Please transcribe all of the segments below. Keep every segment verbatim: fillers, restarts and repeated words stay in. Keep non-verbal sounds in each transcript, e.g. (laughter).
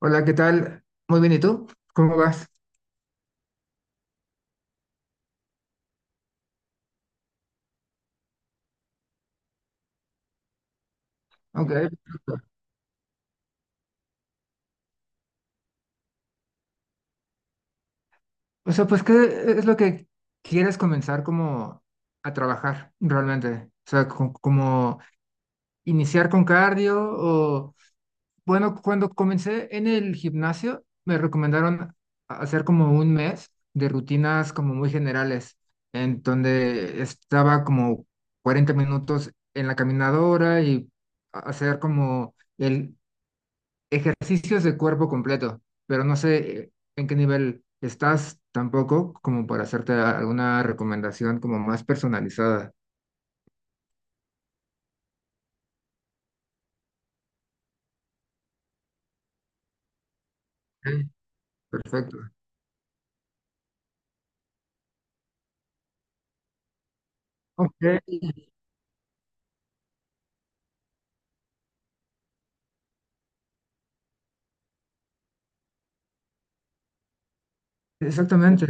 Hola, ¿qué tal? Muy bien, ¿y tú? ¿Cómo vas? Ok. O sea, pues, ¿qué es lo que quieres comenzar como a trabajar realmente? O sea, co- como iniciar con cardio o, bueno, cuando comencé en el gimnasio, me recomendaron a- hacer como un mes de rutinas como muy generales, en donde estaba como cuarenta minutos en la caminadora y a- hacer como el Ejercicios de cuerpo completo, pero no sé eh, en qué nivel estás tampoco como para hacerte alguna recomendación como más personalizada. Ok. Perfecto. Ok, exactamente.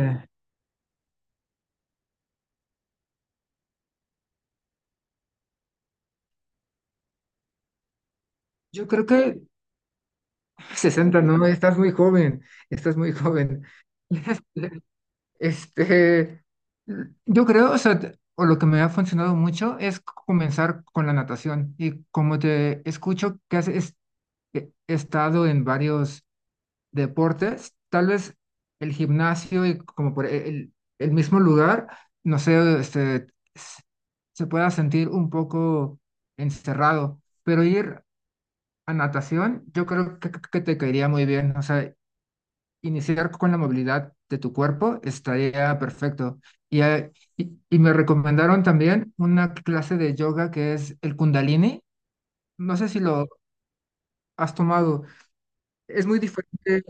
Yo creo que sesenta, no, estás muy joven, estás muy joven. (laughs) Este, yo creo, o sea, t- o lo que me ha funcionado mucho es comenzar con la natación. Y como te escucho que has es- e- estado en varios deportes, tal vez el gimnasio y como por el, el mismo lugar, no sé, este, s- se pueda sentir un poco encerrado, pero ir a natación, yo creo que, que te caería muy bien, o sea, iniciar con la movilidad de tu cuerpo estaría perfecto. Y, eh, y, y me recomendaron también una clase de yoga que es el Kundalini, no sé si lo has tomado, es muy diferente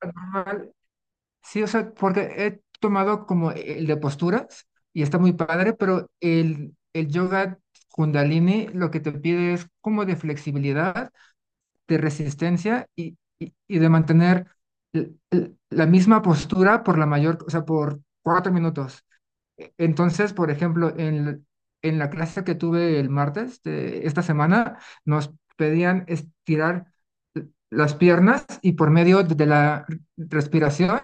al normal. Sí, o sea, porque he tomado como el de posturas y está muy padre, pero el, el yoga Kundalini lo que te pide es como de flexibilidad, de resistencia y, y, y de mantener l- l- la misma postura por la mayor, o sea, por cuatro minutos. E- Entonces, por ejemplo, en, en la clase que tuve el martes de esta semana, nos pedían estirar las piernas y por medio de la respiración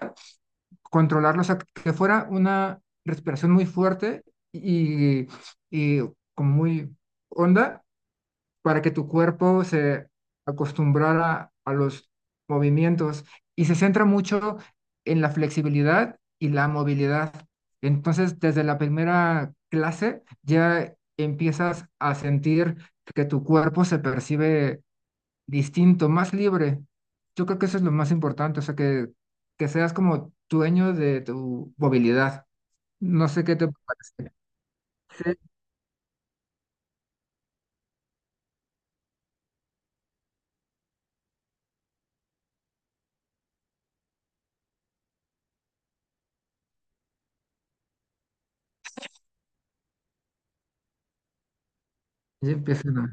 controlarlo, o sea, que fuera una respiración muy fuerte y, y como muy honda para que tu cuerpo se acostumbrara a los movimientos y se centra mucho en la flexibilidad y la movilidad. Entonces, desde la primera clase ya empiezas a sentir que tu cuerpo se percibe distinto, más libre. Yo creo que eso es lo más importante, o sea, que, que seas como dueño de tu movilidad. No sé qué te parece. Sí, ya empieza, ¿no?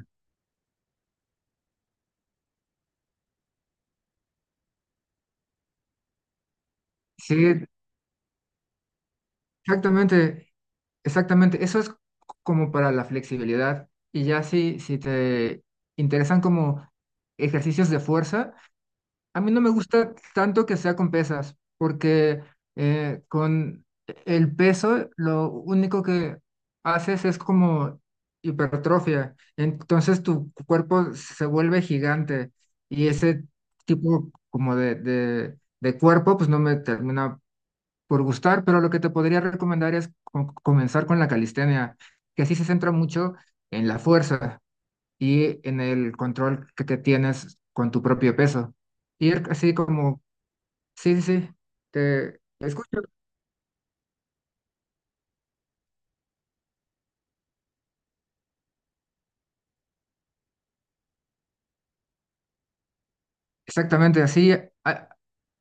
Sí, exactamente, exactamente. Eso es c- como para la flexibilidad. Y ya si, si te interesan como ejercicios de fuerza. A mí no me gusta tanto que sea con pesas, porque eh, con el peso lo único que haces es como hipertrofia. Entonces tu cuerpo se vuelve gigante y ese tipo como de, de, de cuerpo pues no me termina por gustar, pero lo que te podría recomendar es co- comenzar con la calistenia, que así se centra mucho en la fuerza y en el control que te tienes con tu propio peso. Ir así como, sí, sí, sí, te escucho exactamente así. Ha-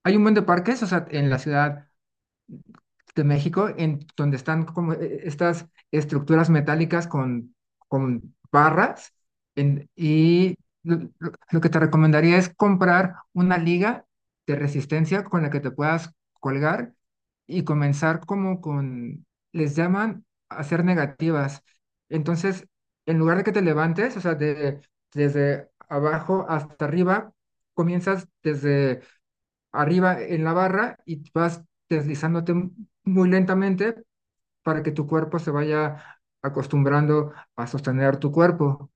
Hay un buen de parques, o sea, en la ciudad de México, en donde están como eh, estas estructuras metálicas con, con barras. En- y lo- lo que te recomendaría es comprar una liga de resistencia con la que te puedas colgar y comenzar como con, les llaman hacer negativas. Entonces, en lugar de que te levantes, o sea, de, desde abajo hasta arriba, comienzas desde arriba en la barra y vas deslizándote muy lentamente para que tu cuerpo se vaya acostumbrando a sostener tu cuerpo.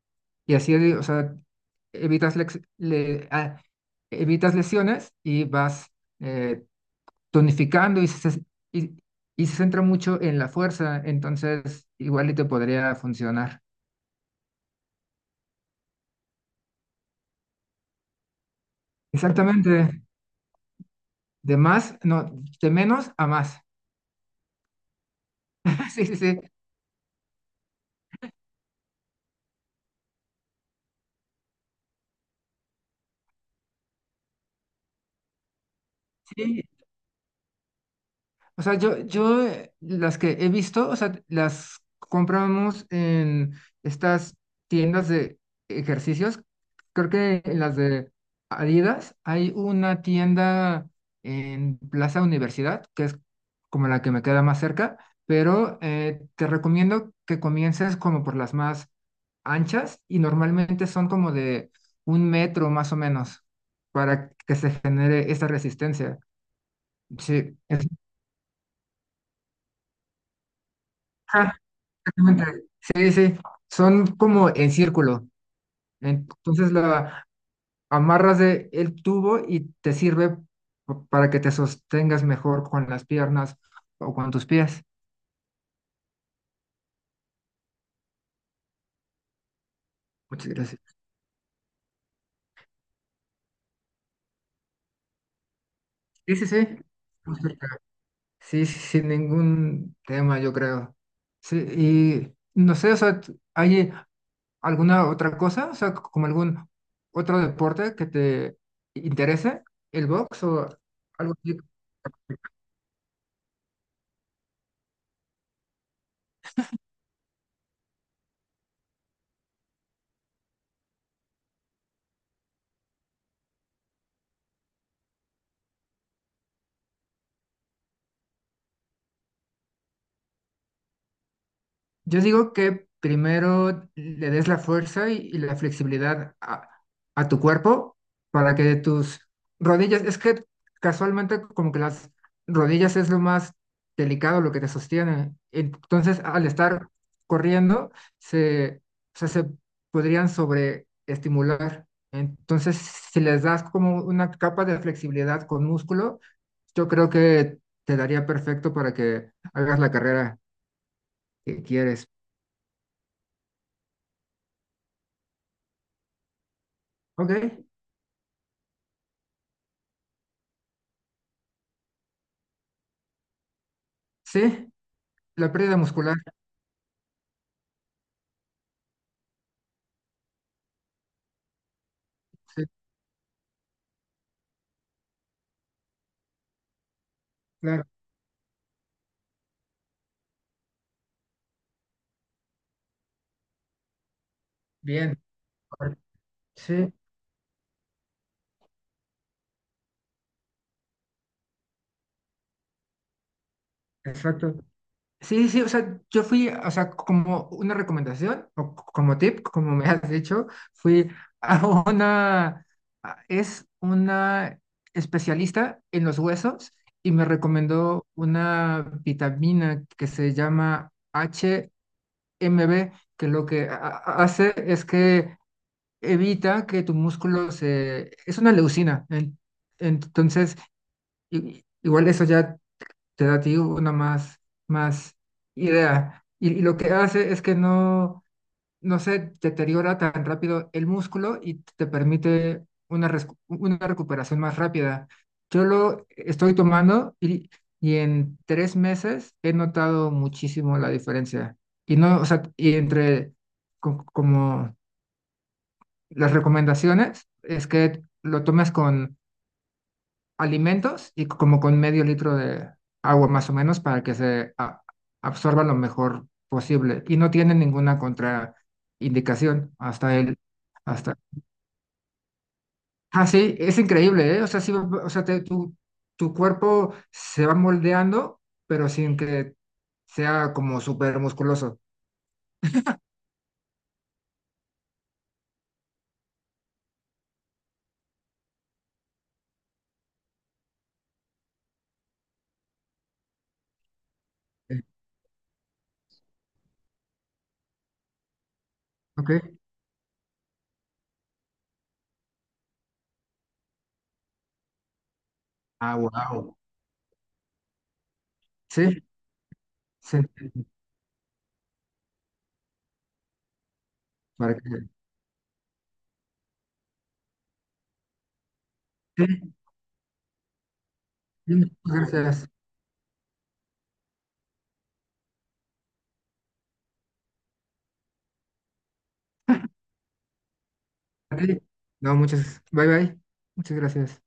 Y así, o sea, evitas, lex- le- ah, evitas lesiones y vas eh, tonificando y se, y, y se centra mucho en la fuerza, entonces igual y te podría funcionar. Exactamente, de más, no, de menos a más. (laughs) Sí, sí, sí, sí. O sea, yo, yo eh, las que he visto, o sea, las compramos en estas tiendas de ejercicios. Creo que en las de Adidas hay una tienda en Plaza Universidad, que es como la que me queda más cerca, pero eh, te recomiendo que comiences como por las más anchas y normalmente son como de un metro más o menos para que se genere esa resistencia. Sí, es- (laughs) Exactamente. Sí, sí, son como en círculo. Entonces la amarras de el tubo y te sirve pa- para que te sostengas mejor con las piernas o con tus pies. Muchas gracias. Sí, sí, sí. Muy cerca. Sí, sí, sin ningún tema, yo creo. Sí, y no sé, o sea, t- ¿hay alguna otra cosa? O sea, c- como algún otro deporte que te interese, el box o algo así. Yo digo que primero le des la fuerza y, y la flexibilidad a, a tu cuerpo para que tus rodillas, es que casualmente como que las rodillas es lo más delicado, lo que te sostiene. Entonces, al estar corriendo, se, o sea, se podrían sobreestimular. Entonces, si les das como una capa de flexibilidad con músculo, yo creo que te daría perfecto para que hagas la carrera que quieres. Ok. Sí, la pérdida muscular. Sí, claro, bien, correcto, sí, exacto. Sí, sí, o sea, yo fui, o sea, como una recomendación, o c- como tip, como me (laughs) has dicho, fui a una, a- es una especialista en los huesos y me recomendó una vitamina que se llama H M B, que lo que a- a- hace es que evita que tu músculo se, es una leucina, en- entonces i- igual eso ya te da a ti una más, más idea. Y, y lo que hace es que no, no se deteriora tan rápido el músculo y te permite una, res- una recuperación más rápida. Yo lo estoy tomando y, y en tres meses he notado muchísimo la diferencia. Y no, o sea, y entre co- como las recomendaciones es que lo tomes con alimentos y como con medio litro de agua más o menos para que se a- absorba lo mejor posible. Y no tiene ninguna contraindicación hasta el, hasta... Ah, sí, es increíble, ¿eh? O sea, sí, va- o sea, te- tu, tu cuerpo se va moldeando, pero sin que sea como súper musculoso. Eh, ¿Ok? Ah, wow. Sí, sí. Para que... Sí, sí, muchas gracias. A ti. No, muchas. Bye, bye. Muchas gracias.